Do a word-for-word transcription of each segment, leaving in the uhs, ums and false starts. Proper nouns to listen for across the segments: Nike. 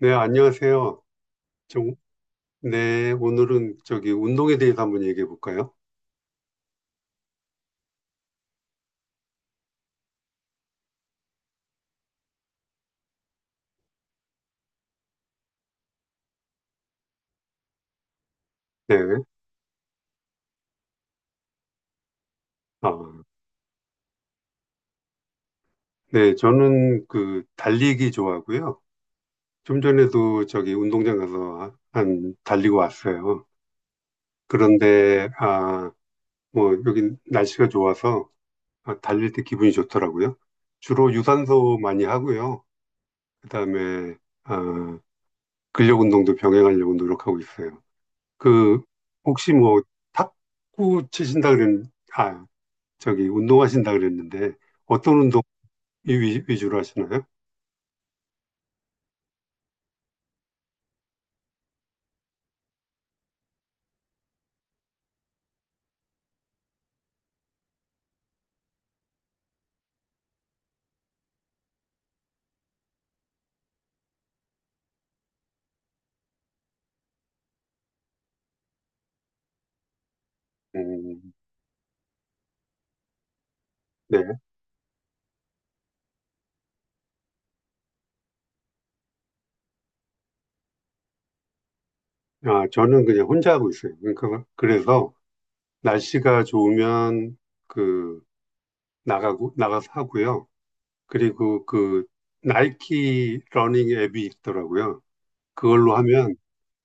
네, 안녕하세요. 좀, 네, 오늘은 저기 운동에 대해서 한번 얘기해 볼까요? 네, 아, 네, 저는 그 달리기 좋아하고요. 좀 전에도 저기 운동장 가서 하- 한 달리고 왔어요. 그런데, 아, 뭐, 여기 날씨가 좋아서 아, 달릴 때 기분이 좋더라고요. 주로 유산소 많이 하고요. 그다음에, 아, 근력 운동도 병행하려고 노력하고 있어요. 그, 혹시 뭐, 탁구 치신다 그랬, 아, 저기 운동하신다 그랬는데 어떤 운동 위- 위주로 하시나요? 음, 네. 아, 저는 그냥 혼자 하고 있어요. 그러니까 그래서 날씨가 좋으면 그 나가고 나가서 하고요. 그리고 그 나이키 러닝 앱이 있더라고요. 그걸로 하면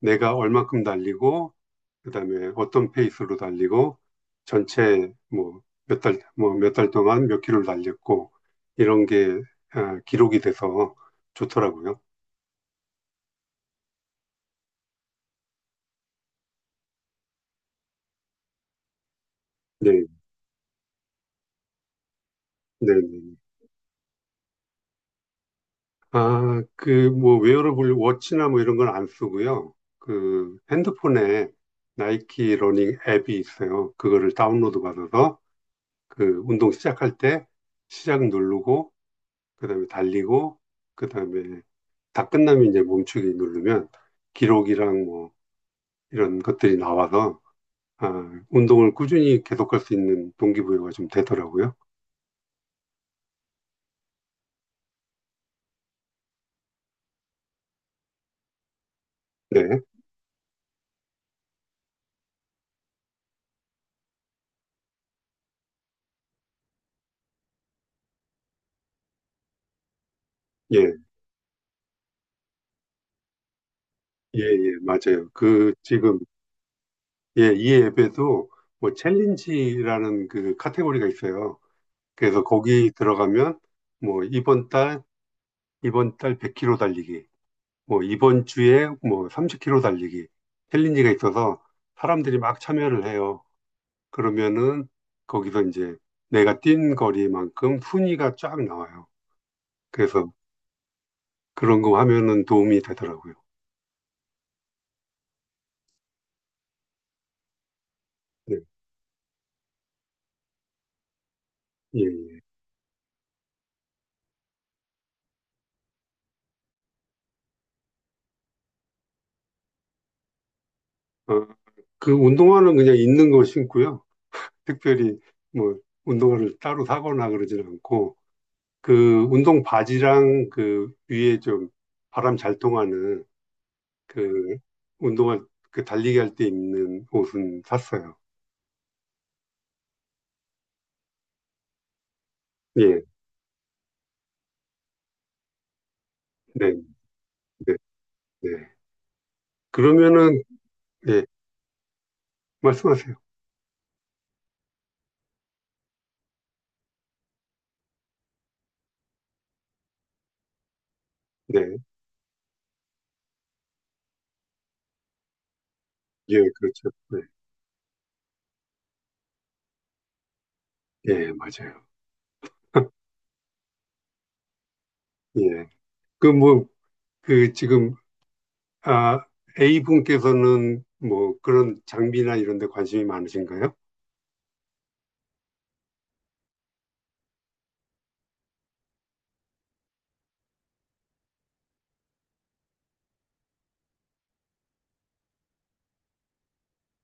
내가 얼만큼 달리고 그다음에 어떤 페이스로 달리고 전체 뭐 몇 달, 뭐 몇 달 동안 몇 킬로를 달렸고 이런 게 아, 기록이 돼서 좋더라고요. 네, 네, 네. 아, 그 뭐 웨어러블 워치나 뭐 이런 건 안 쓰고요. 그 핸드폰에 나이키 러닝 앱이 있어요. 그거를 다운로드 받아서 그 운동 시작할 때 시작 누르고 그다음에 달리고 그다음에 다 끝나면 이제 멈추기 누르면 기록이랑 뭐 이런 것들이 나와서 아, 운동을 꾸준히 계속할 수 있는 동기부여가 좀 되더라고요. 네, 예, 예, 예, 맞아요. 그 지금 예, 이 앱에도 뭐 챌린지라는 그 카테고리가 있어요. 그래서 거기 들어가면 뭐 이번 달 이번 달 백 킬로 달리기, 뭐 이번 주에 뭐 삼십 킬로 달리기 챌린지가 있어서 사람들이 막 참여를 해요. 그러면은 거기서 이제 내가 뛴 거리만큼 순위가 쫙 나와요. 그래서 그런 거 하면은 도움이 되더라고요. 네. 예. 예. 어, 그 운동화는 그냥 있는 거 신고요. 특별히 뭐 운동화를 따로 사거나 그러진 않고 그 운동 바지랑 그 위에 좀 바람 잘 통하는 그 운동화 그 달리기 할 때 입는 옷은 샀어요. 예. 네. 네. 네. 그러면은 예. 말씀하세요. 네. 예, 그렇죠. 네. 예, 맞아요. 예. 그 뭐, 그 지금, 아, A분께서는 뭐 그런 장비나 이런 데 관심이 많으신가요?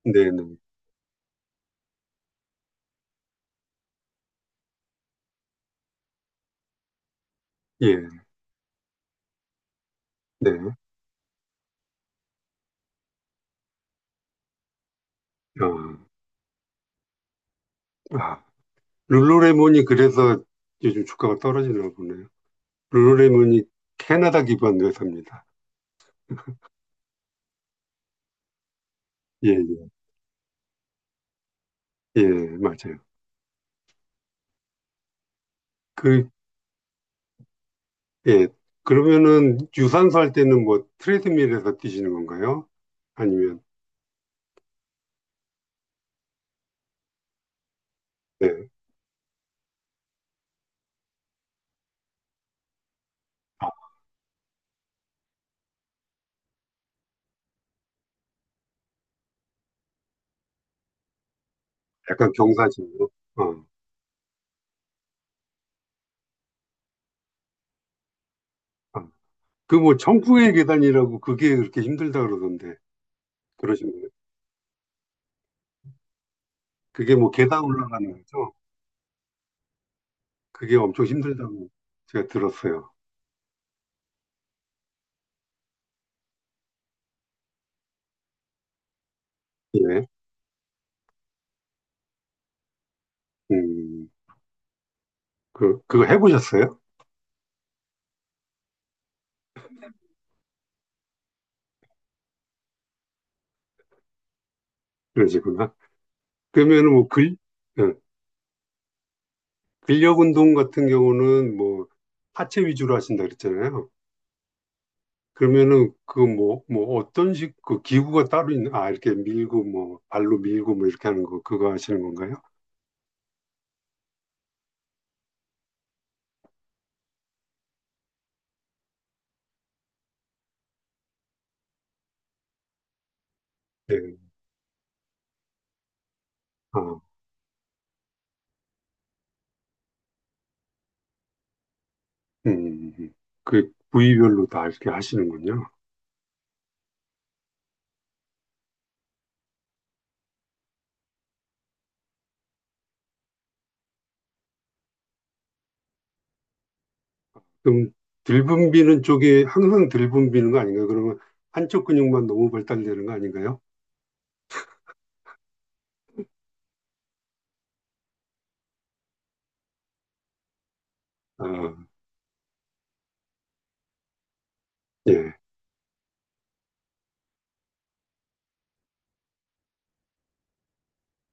네, 네. 예, 네. 아, 아, 룰루레몬이 그래서 요즘 주가가 떨어지나 보네요. 룰루레몬이 캐나다 기반 회사입니다. 예, 예, 예, 맞아요. 그, 예. 그러면은 유산소 할 때는 뭐 트레드밀에서 뛰시는 건가요? 아니면, 네. 아, 약간 경사진으로? 어. 어. 그 뭐 정풍의 계단이라고 그게 그렇게 힘들다 그러던데 그러시 거예요? 그게 뭐 계단 올라가는 거죠? 그게 엄청 힘들다고 제가 들었어요. 예. 음. 그 그거 해보셨어요? 그러시구나. 그러면은 뭐 근, 예, 근력 운동 같은 경우는 뭐 하체 위주로 하신다 그랬잖아요. 그러면은 그 뭐 뭐 어떤 식 그 기구가 따로 있는 아 이렇게 밀고 뭐 발로 밀고 뭐 이렇게 하는 거 그거 하시는 건가요? 네. 아, 음, 음, 음. 그 부위별로 다 이렇게 하시는군요. 그럼 들분비는 쪽이 항상 들분비는 거 아닌가요? 그러면 한쪽 근육만 너무 발달되는 거 아닌가요? 아, 예.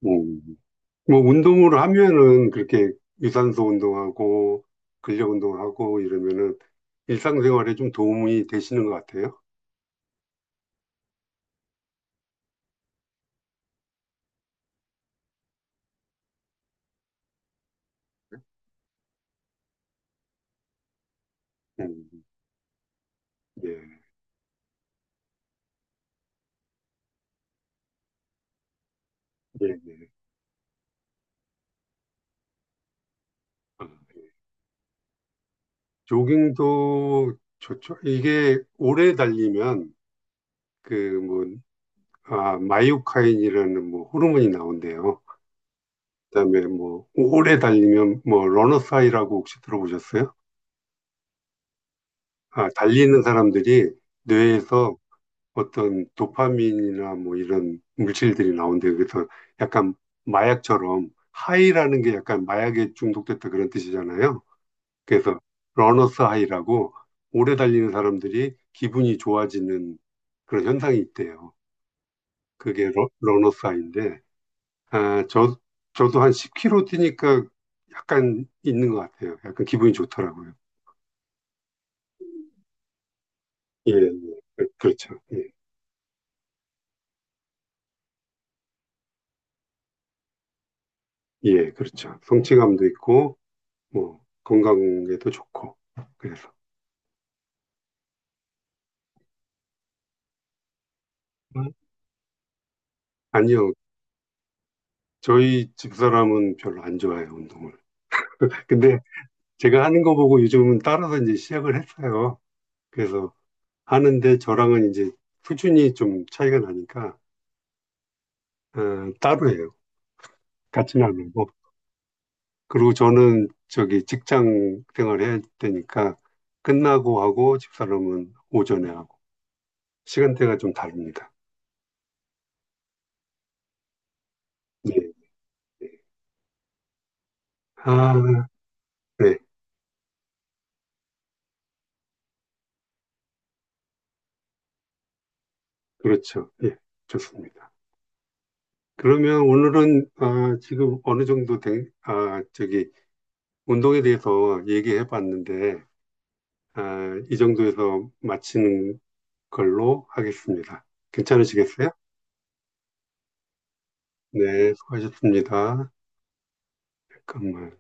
음. 뭐 운동을 하면은 그렇게 유산소 운동하고 근력 운동하고 이러면은 일상생활에 좀 도움이 되시는 것 같아요. 음. 예, 예, 예. 아, 예. 조깅도 좋죠. 이게 오래 달리면 그 뭐, 아, 마이오카인이라는 뭐 호르몬이 나온대요. 그다음에 뭐 오래 달리면 뭐 러너스하이라고 혹시 들어보셨어요? 아, 달리는 사람들이 뇌에서 어떤 도파민이나 뭐 이런 물질들이 나온대요. 그래서 약간 마약처럼 하이라는 게 약간 마약에 중독됐다 그런 뜻이잖아요. 그래서 러너스 하이라고 오래 달리는 사람들이 기분이 좋아지는 그런 현상이 있대요. 그게 러, 러너스 하이인데 아, 저, 저도 한 십 킬로 뛰니까 약간 있는 것 같아요. 약간 기분이 좋더라고요. 예, 예. 그- 그렇죠. 예, 예, 그렇죠. 성취감도 있고, 뭐, 건강에도 좋고, 그래서. 음. 아니요, 저희 집사람은 별로 안 좋아해요, 운동을. 근데 제가 하는 거 보고 요즘은 따라서 이제 시작을 했어요. 그래서 하는데 저랑은 이제 수준이 좀 차이가 나니까, 어, 따로 해요. 같이는 안 하고. 그리고 저는 저기 직장 생활 해야 되니까 끝나고 하고 집사람은 오전에 하고 시간대가 좀 다릅니다. 예. 예. 아, 네. 그렇죠. 예. 좋습니다. 그러면 오늘은 아, 지금 어느 정도 된, 아, 저기 운동에 대해서 얘기해 봤는데 아, 이 정도에서 마치는 걸로 하겠습니다. 괜찮으시겠어요? 네, 수고하셨습니다. 잠깐만.